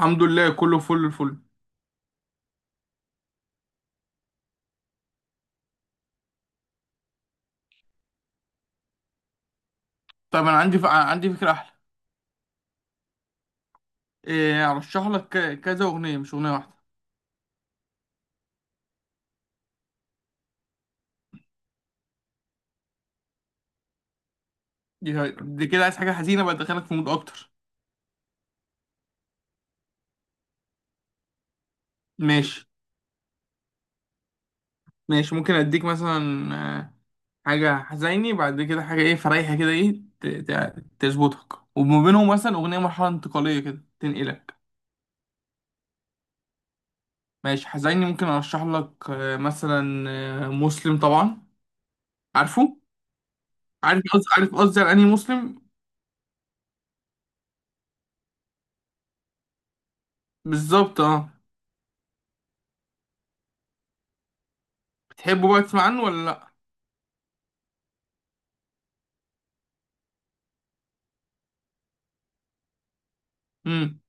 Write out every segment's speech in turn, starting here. الحمد لله، كله فل الفل. طب انا عندي عندي فكره احلى. إيه، ارشح لك كذا اغنيه، مش اغنيه واحده. دي كده عايز حاجه حزينه بقى تدخلك في مود اكتر. ماشي. ماشي، ممكن اديك مثلا آه، حاجه حزيني، بعد كده حاجه ايه، فريحه كده، ايه تظبطك، وما بينهم مثلا اغنيه مرحله انتقاليه كده تنقلك. ماشي، حزيني ممكن ارشح لك مثلا مسلم طبعا. عارفه؟ عارف قصدي، عارف قصدي على انهي مسلم. بالظبط، اه. بتحبه بقى، تسمع عنه ولا لا؟ امم.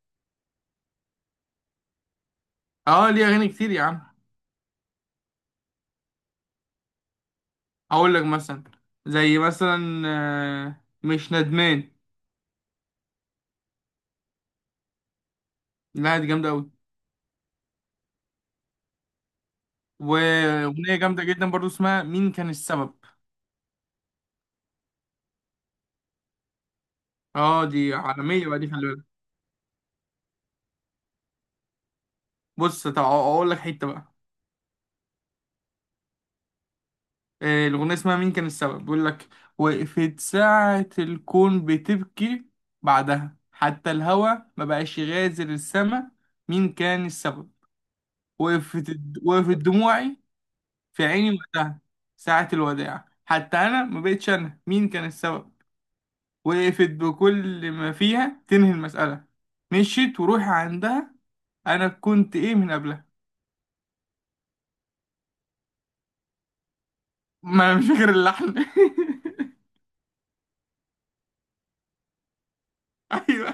اه، ليه اغاني كتير يا عم. اقول لك مثلا. زي مثلا مش ندمان. لا، دي جامده قوي. واغنيه جامده جدا برضو اسمها مين كان السبب. اه، دي عالميه بقى، دي خلي بالك. بص، طب اقول لك حته بقى. الاغنيه اسمها مين كان السبب، بيقول لك: وقفت ساعه الكون بتبكي، بعدها حتى الهوا ما بقاش يغادر السما. مين كان السبب؟ وقفت، وقفت دموعي في عيني وقتها، ساعة الوداع حتى أنا ما بقتش أنا. مين كان السبب؟ وقفت بكل ما فيها تنهي المسألة، مشيت وروحي عندها. أنا كنت إيه من قبلها؟ ما أنا مش فاكر اللحن. أيوه.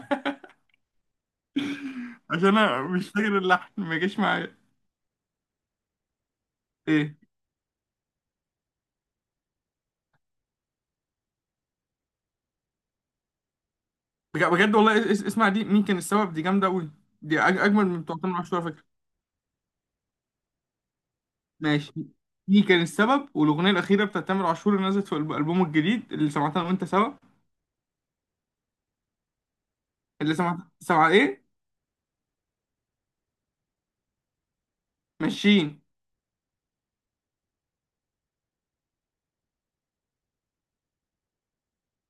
عشان أنا مش فاكر اللحن، ما جاش معايا. إيه. بجد والله، اسمع دي، مين كان السبب دي جامدة أوي. دي أجمل من بتوع تامر عاشور على فكرة. ماشي. دي كان السبب، والأغنية الأخيرة بتاعت تامر عاشور اللي نزلت في ألبومه الجديد، اللي سمعتها أنا وأنت سوا. اللي سمعتها، سمع إيه. ماشيين.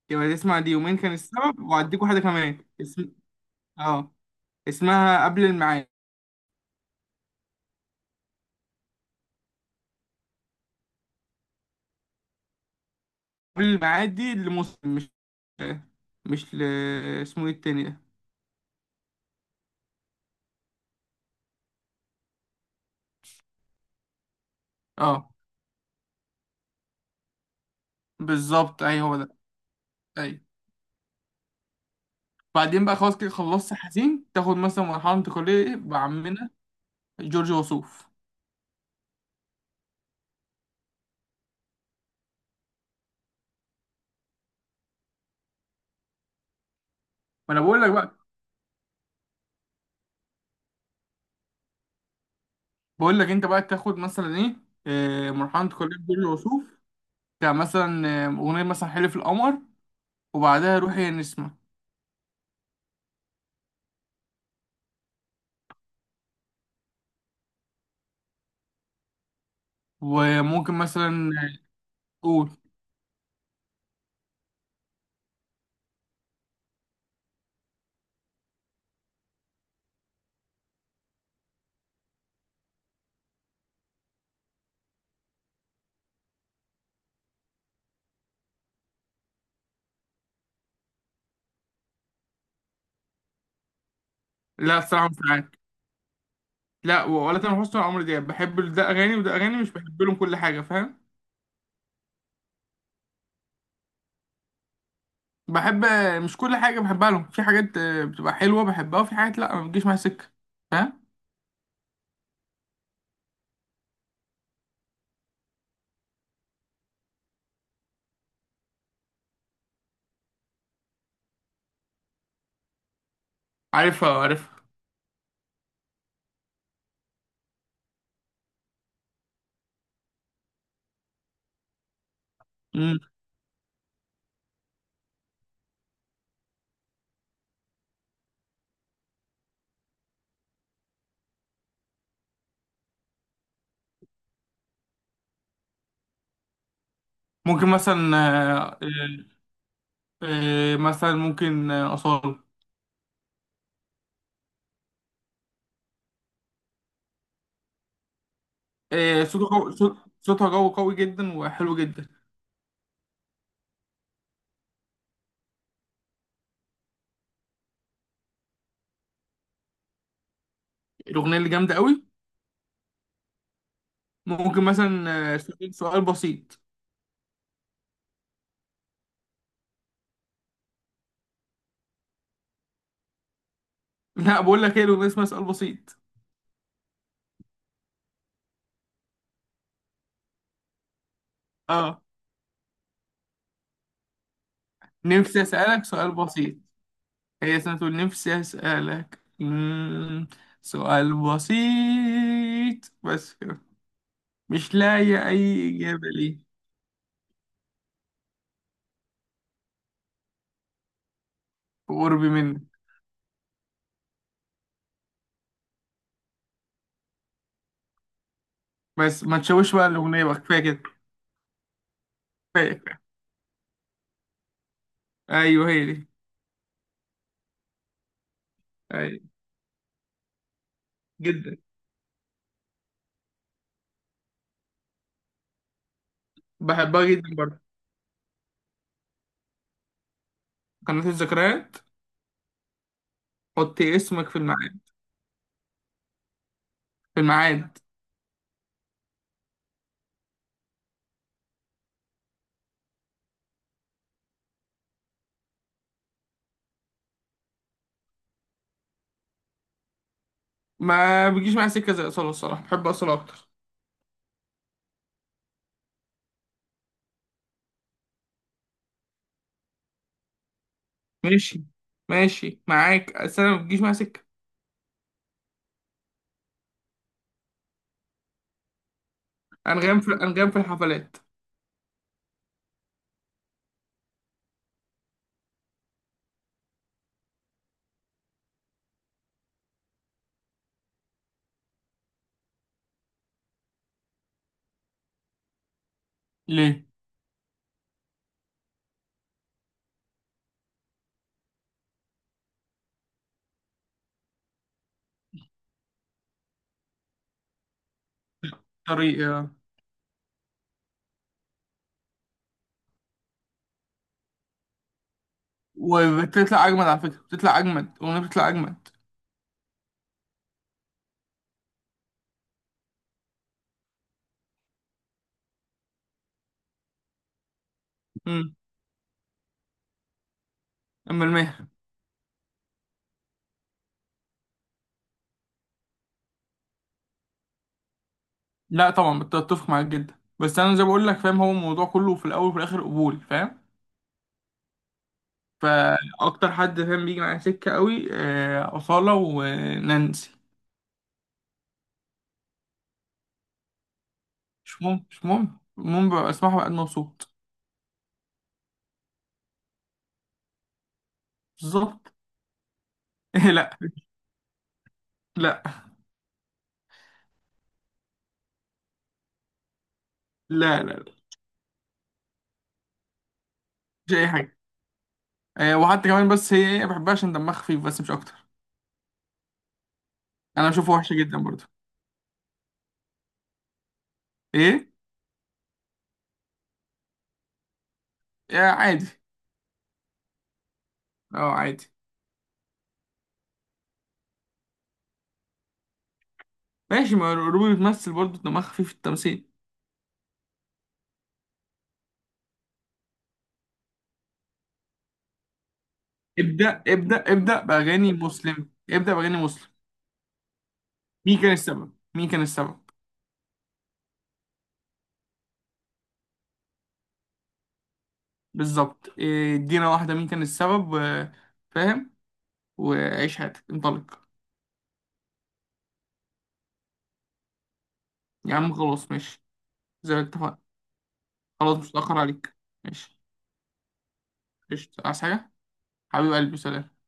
يبقى تسمع دي، يومين كان السبب، وهديك واحدة كمان. اسم، اه، اسمها قبل الميعاد. قبل الميعاد دي لمسلم، مش مش ل... اسمه ايه التاني ده؟ اه. بالظبط، اي هو ده. اي. بعدين بقى خلاص كده خلصت حزين، تاخد مثلا مرحلة انتقالية بعمنا جورج وسوف. ما انا بقول لك بقى. بقول لك انت بقى تاخد مثلا ايه، مرحلة انتقالية جورج وسوف، كمثلا اغنية مثلا حلف القمر، وبعدها روحي يا نسمة. وممكن مثلا. قول. لا، الصراحة مش معاك. لا، ولا تامر حسني ولا عمرو دياب. بحب ده أغاني وده أغاني، مش بحب لهم كل حاجة، فاهم. بحب، مش كل حاجة بحبها لهم. في حاجات بتبقى حلوة بحبها، وفي حاجات لا، ما بتجيش معايا سكة. فاهم. عارفها، عارفها. مم. ممكن مثلا آه، آه، آه، مثلا ممكن أصالة. صوتها قوي، صوتها قوي قوي جدا وحلو جدا. الأغنية اللي جامدة قوي، ممكن مثلا سؤال، بسيط. لا، بقول لك ايه، الأغنية اسمها سؤال بسيط. اه. نفسي أسألك سؤال بسيط، هي سنة نفسي أسألك سؤال بسيط بس كده. مش لاقي أي إجابة ليه. قرب منك. بس ما تشوش بقى الأغنية بقى، كفاية كده. كفاية، كفاية. أيوه، هي دي. أيوه. جدا. بحبها جدا برضه. قناة الذكريات، حطي اسمك في الميعاد. في الميعاد. ما بتجيش معايا سكة زي أصالة، الصراحة بحب أصالة أكتر. ماشي. ماشي معاك، بس أنا ما بتجيش معايا سكة. أنغام، في الحفلات. ليه؟ طريقة. وبتطلع اجمد، على فكره بتطلع اجمد الاغنيه، بتطلع اجمد. امم. اما المهر. لا طبعا، بتفق معاك جدا، بس انا زي ما بقول لك، فاهم، هو الموضوع كله في الاول وفي الاخر قبول، فاهم. فاكتر حد فاهم بيجي معايا سكه قوي، اصاله ونانسي. مش مهم، مش مهم، المهم ببقى اسمعها بقى أنا مبسوط. بالظبط. لا. لا. لا، لا، لا. مش اي حاجه. وحتى كمان، بس هي ايه، بحبها عشان دمها خفيف، بس مش اكتر. انا بشوفها وحشه جدا برضه. ايه. عادي. اه، عادي. ماشي، ما روبي بتمثل برضه، دماغها خفيف في التمثيل. ابدأ، ابدأ، ابدأ بأغاني مسلم، ابدأ بأغاني مسلم. مين كان السبب، مين كان السبب. بالظبط، إيه، ادينا واحدة مين كان السبب فاهم، وعيش حياتك انطلق. يا عم خلاص، ماشي. زي ما اتفقنا. خلاص، مش هتأخر عليك. ماشي. قشطة. عايز حاجة؟ حبيب قلبي، سلام.